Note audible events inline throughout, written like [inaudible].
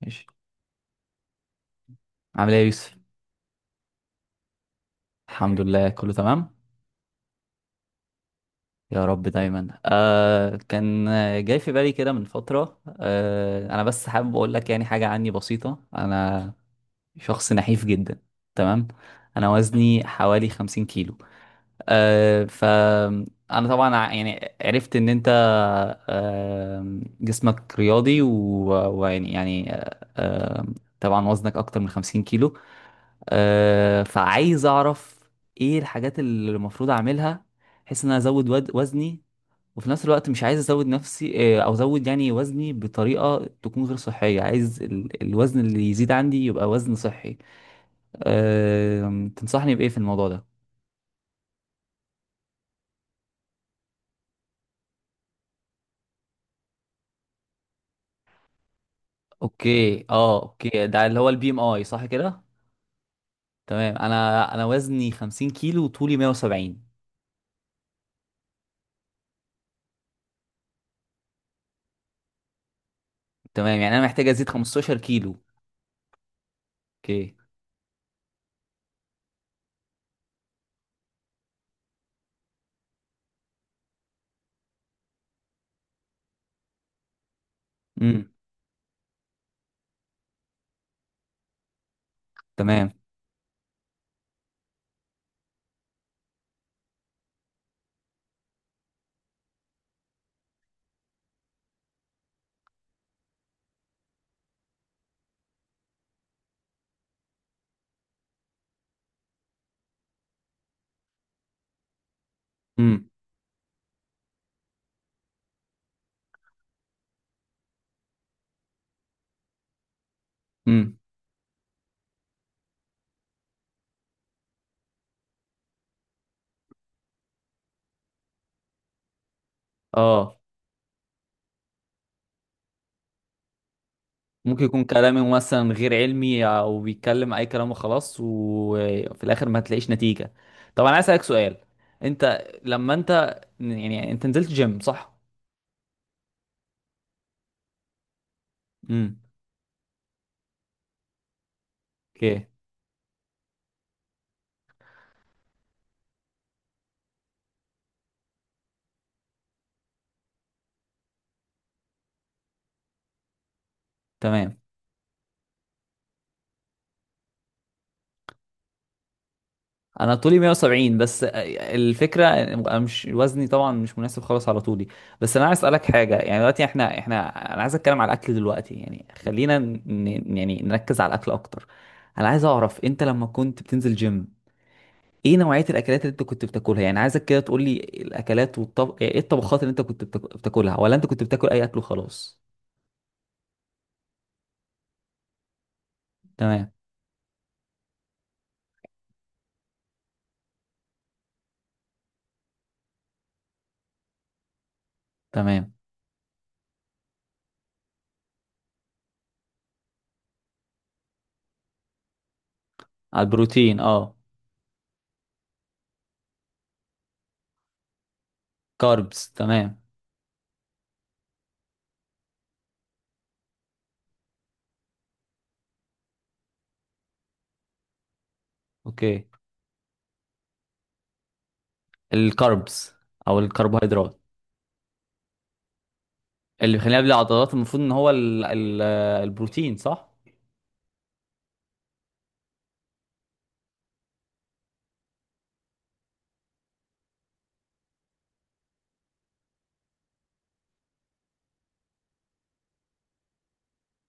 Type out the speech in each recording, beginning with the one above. ماشي. عامل ايه يا يوسف؟ الحمد لله، كله تمام. يا رب دايما. كان جاي في بالي كده من فترة. انا بس حابب اقول لك يعني حاجة عني بسيطة. انا شخص نحيف جدا، تمام؟ انا وزني حوالي 50 كيلو. آه ف انا طبعا يعني عرفت ان انت جسمك رياضي ويعني طبعا وزنك اكتر من 50 كيلو، فعايز اعرف ايه الحاجات اللي المفروض اعملها، بحيث ان انا ازود وزني، وفي نفس الوقت مش عايز ازود نفسي، او ازود يعني وزني بطريقة تكون غير صحية. عايز الوزن اللي يزيد عندي يبقى وزن صحي. تنصحني بايه في الموضوع ده؟ اوكي، اوكي، ده اللي هو البي ام اي، صح كده؟ تمام، انا وزني 50 كيلو وطولي 170. تمام، يعني انا محتاج ازيد 15 كيلو. اوكي. امم. تمام. امم. امم. اه. ممكن يكون كلامي مثلا غير علمي، او بيتكلم اي كلام وخلاص وفي الاخر ما تلاقيش نتيجة. طب انا عايز اسالك سؤال، انت لما يعني انت نزلت جيم، صح؟ امم. اوكي. تمام، طولي 170، بس الفكرة أنا مش، وزني طبعا مش مناسب خالص على طولي. بس انا عايز اسالك حاجة، يعني دلوقتي احنا، انا عايز اتكلم على الاكل دلوقتي، يعني خلينا يعني نركز على الاكل اكتر. انا عايز اعرف، انت لما كنت بتنزل جيم ايه نوعية الاكلات اللي انت كنت بتاكلها؟ يعني عايزك كده تقول لي الاكلات، والطب يعني ايه الطبخات اللي انت كنت بتاكلها، ولا انت كنت بتاكل اي اكل وخلاص؟ تمام. تمام. على البروتين، اه. كاربس، تمام. اوكي. الكاربس، او الكربوهيدرات. اللي بيخلينا بلا عضلات المفروض ان هو ال البروتين، صح؟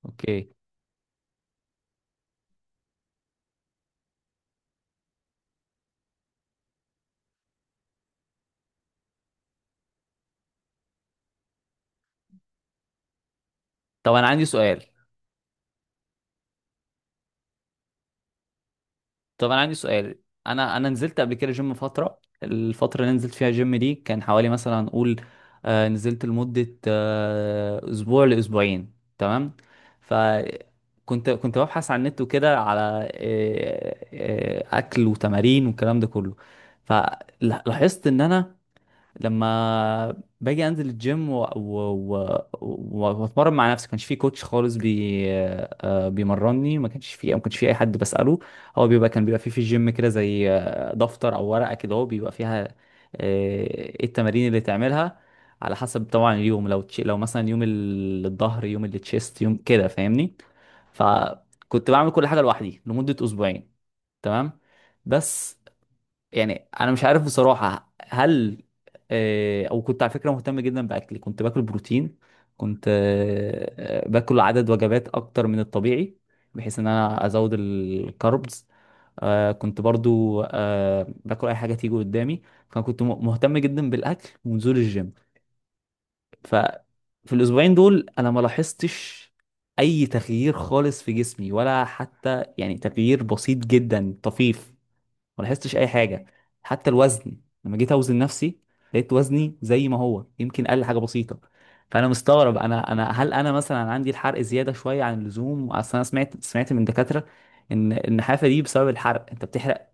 اوكي. طب انا عندي سؤال. طب انا عندي سؤال. انا نزلت قبل كده جيم فتره، الفتره اللي نزلت فيها جيم دي كان حوالي مثلا هنقول، نزلت لمده، اسبوع لاسبوعين، تمام؟ فكنت، كنت ببحث على النت وكده على اكل وتمارين والكلام ده كله. فلاحظت ان انا لما باجي انزل الجيم و واتمرن مع نفسي، ما كانش في كوتش خالص بي... آه، بيمرني، ما كانش في اي حد بساله. هو كان بيبقى فيه في الجيم كده زي دفتر او ورقه كده هو بيبقى فيها آه، ايه التمارين اللي تعملها، على حسب طبعا اليوم. لو لو مثلا يوم الظهر، يوم التشيست، يوم كده، فاهمني؟ فكنت بعمل كل حاجه لوحدي لمده اسبوعين، تمام؟ بس يعني انا مش عارف بصراحه، هل او كنت على فكره مهتم جدا باكلي، كنت باكل بروتين، كنت باكل عدد وجبات اكتر من الطبيعي بحيث ان انا ازود الكاربز. كنت برضو باكل اي حاجه تيجي قدامي. فكنت مهتم جدا بالاكل ونزول الجيم. ففي الاسبوعين دول انا ما لاحظتش اي تغيير خالص في جسمي، ولا حتى يعني تغيير بسيط جدا طفيف. ما لاحظتش اي حاجه، حتى الوزن، لما جيت اوزن نفسي لقيت وزني زي ما هو، يمكن قل حاجه بسيطه. فانا مستغرب، انا هل انا مثلا عندي الحرق زياده شويه عن اللزوم؟ اصل انا سمعت، من دكاتره ان النحافه دي بسبب الحرق، انت بتحرق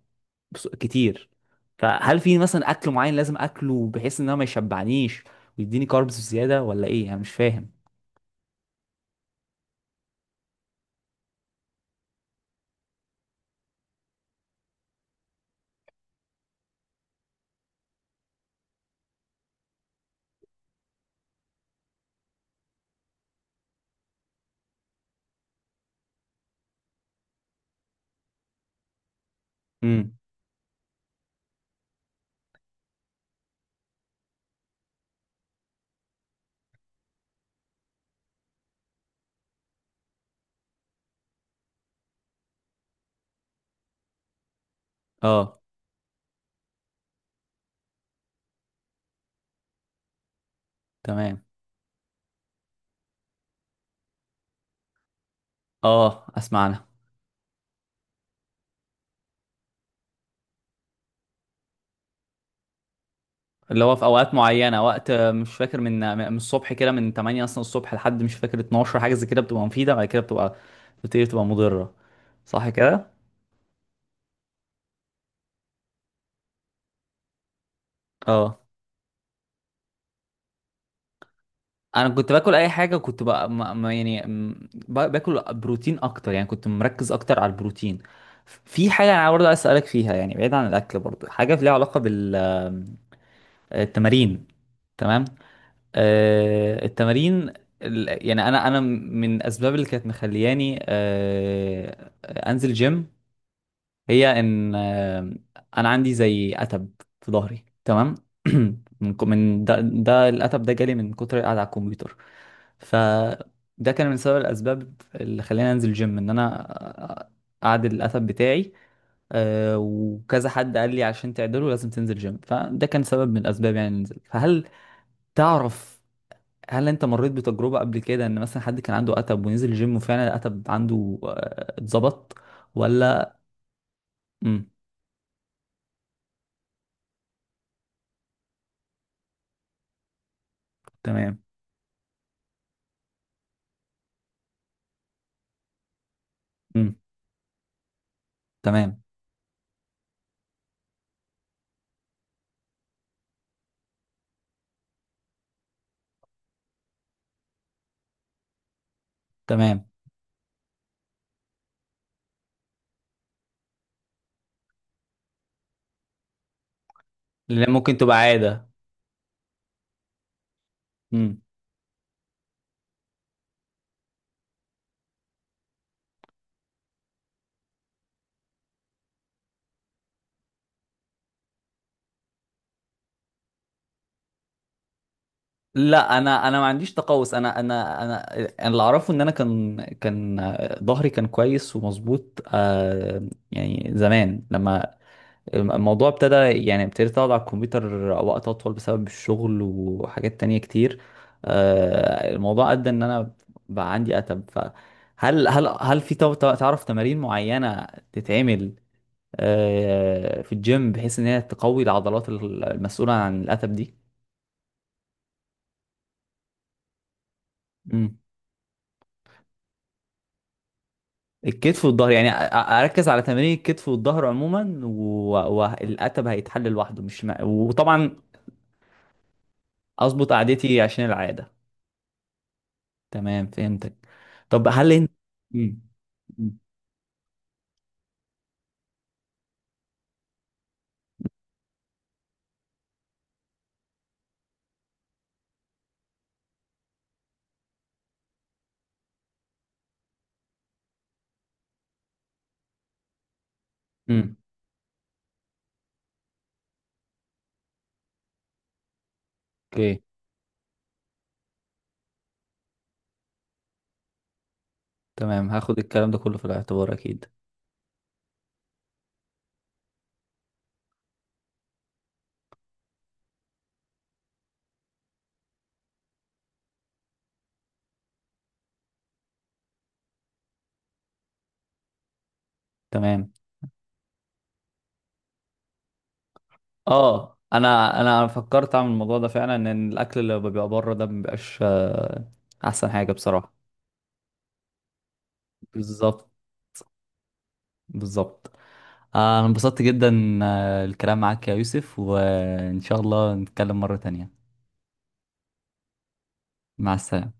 كتير. فهل في مثلا اكل معين لازم اكله بحيث ان انا ما يشبعنيش ويديني كاربس زياده، ولا ايه؟ انا مش فاهم. امم. اه. تمام. اه، اسمعنا. اللي هو في اوقات معينه، وقت مش فاكر، من الصبح كده، من 8 اصلا الصبح لحد مش فاكر 12، حاجه زي كده بتبقى مفيده، بعد كده بتبقى، بتبتدي تبقى مضره، صح كده؟ اه انا كنت باكل اي حاجه، كنت بقى باكل بروتين اكتر، يعني كنت مركز اكتر على البروتين. في حاجه انا برضه عايز اسالك فيها، يعني بعيد عن الاكل، برضه حاجه ليها علاقه بالتمارين، تمام؟ التمارين، يعني انا من الاسباب اللي كانت مخلياني انزل جيم، هي ان انا عندي زي اتب في ظهري، تمام؟ [clears throat] من ده، ده الاتب ده جالي من كتر القعده على الكمبيوتر. فده كان من سبب الاسباب اللي خلاني انزل جيم، ان انا اعدل الاتب بتاعي. وكذا حد قال لي عشان تعدله لازم تنزل جيم، فده كان سبب من الاسباب يعني ننزل. فهل تعرف، هل انت مريت بتجربة قبل كده ان مثلا حد كان عنده اتب ونزل الجيم وفعلا الاتب عنده اتظبط ولا؟ امم. تمام. امم. تمام. تمام. لان ممكن تبقى عادة. امم. لا انا، انا ما عنديش تقوس. انا اللي اعرفه ان انا كان كان آه، ظهري كان كويس ومظبوط، آه، يعني زمان، لما الموضوع ابتدى، يعني ابتديت اقعد على الكمبيوتر وقت اطول بسبب الشغل وحاجات تانية كتير، الموضوع ادى ان انا بقى عندي اتب. فهل هل في تعرف تمارين معينة تتعمل في الجيم بحيث ان هي تقوي العضلات المسؤولة عن الاتب دي؟ مم. الكتف والظهر، يعني اركز على تمارين الكتف والظهر عموما، والاتب هيتحل لوحده، مش وطبعا اظبط قعدتي عشان العادة. تمام، فهمتك. طب هل انت، مم. مم. مم. اوكي، تمام، هاخد الكلام ده كله في الاعتبار اكيد. تمام. اه انا، انا فكرت اعمل الموضوع ده فعلا، ان الاكل اللي بيبقى بره ده مبيبقاش احسن حاجه بصراحه. بالظبط. بالظبط. انا انبسطت جدا الكلام معاك يا يوسف، وان شاء الله نتكلم مره تانية. مع السلامه.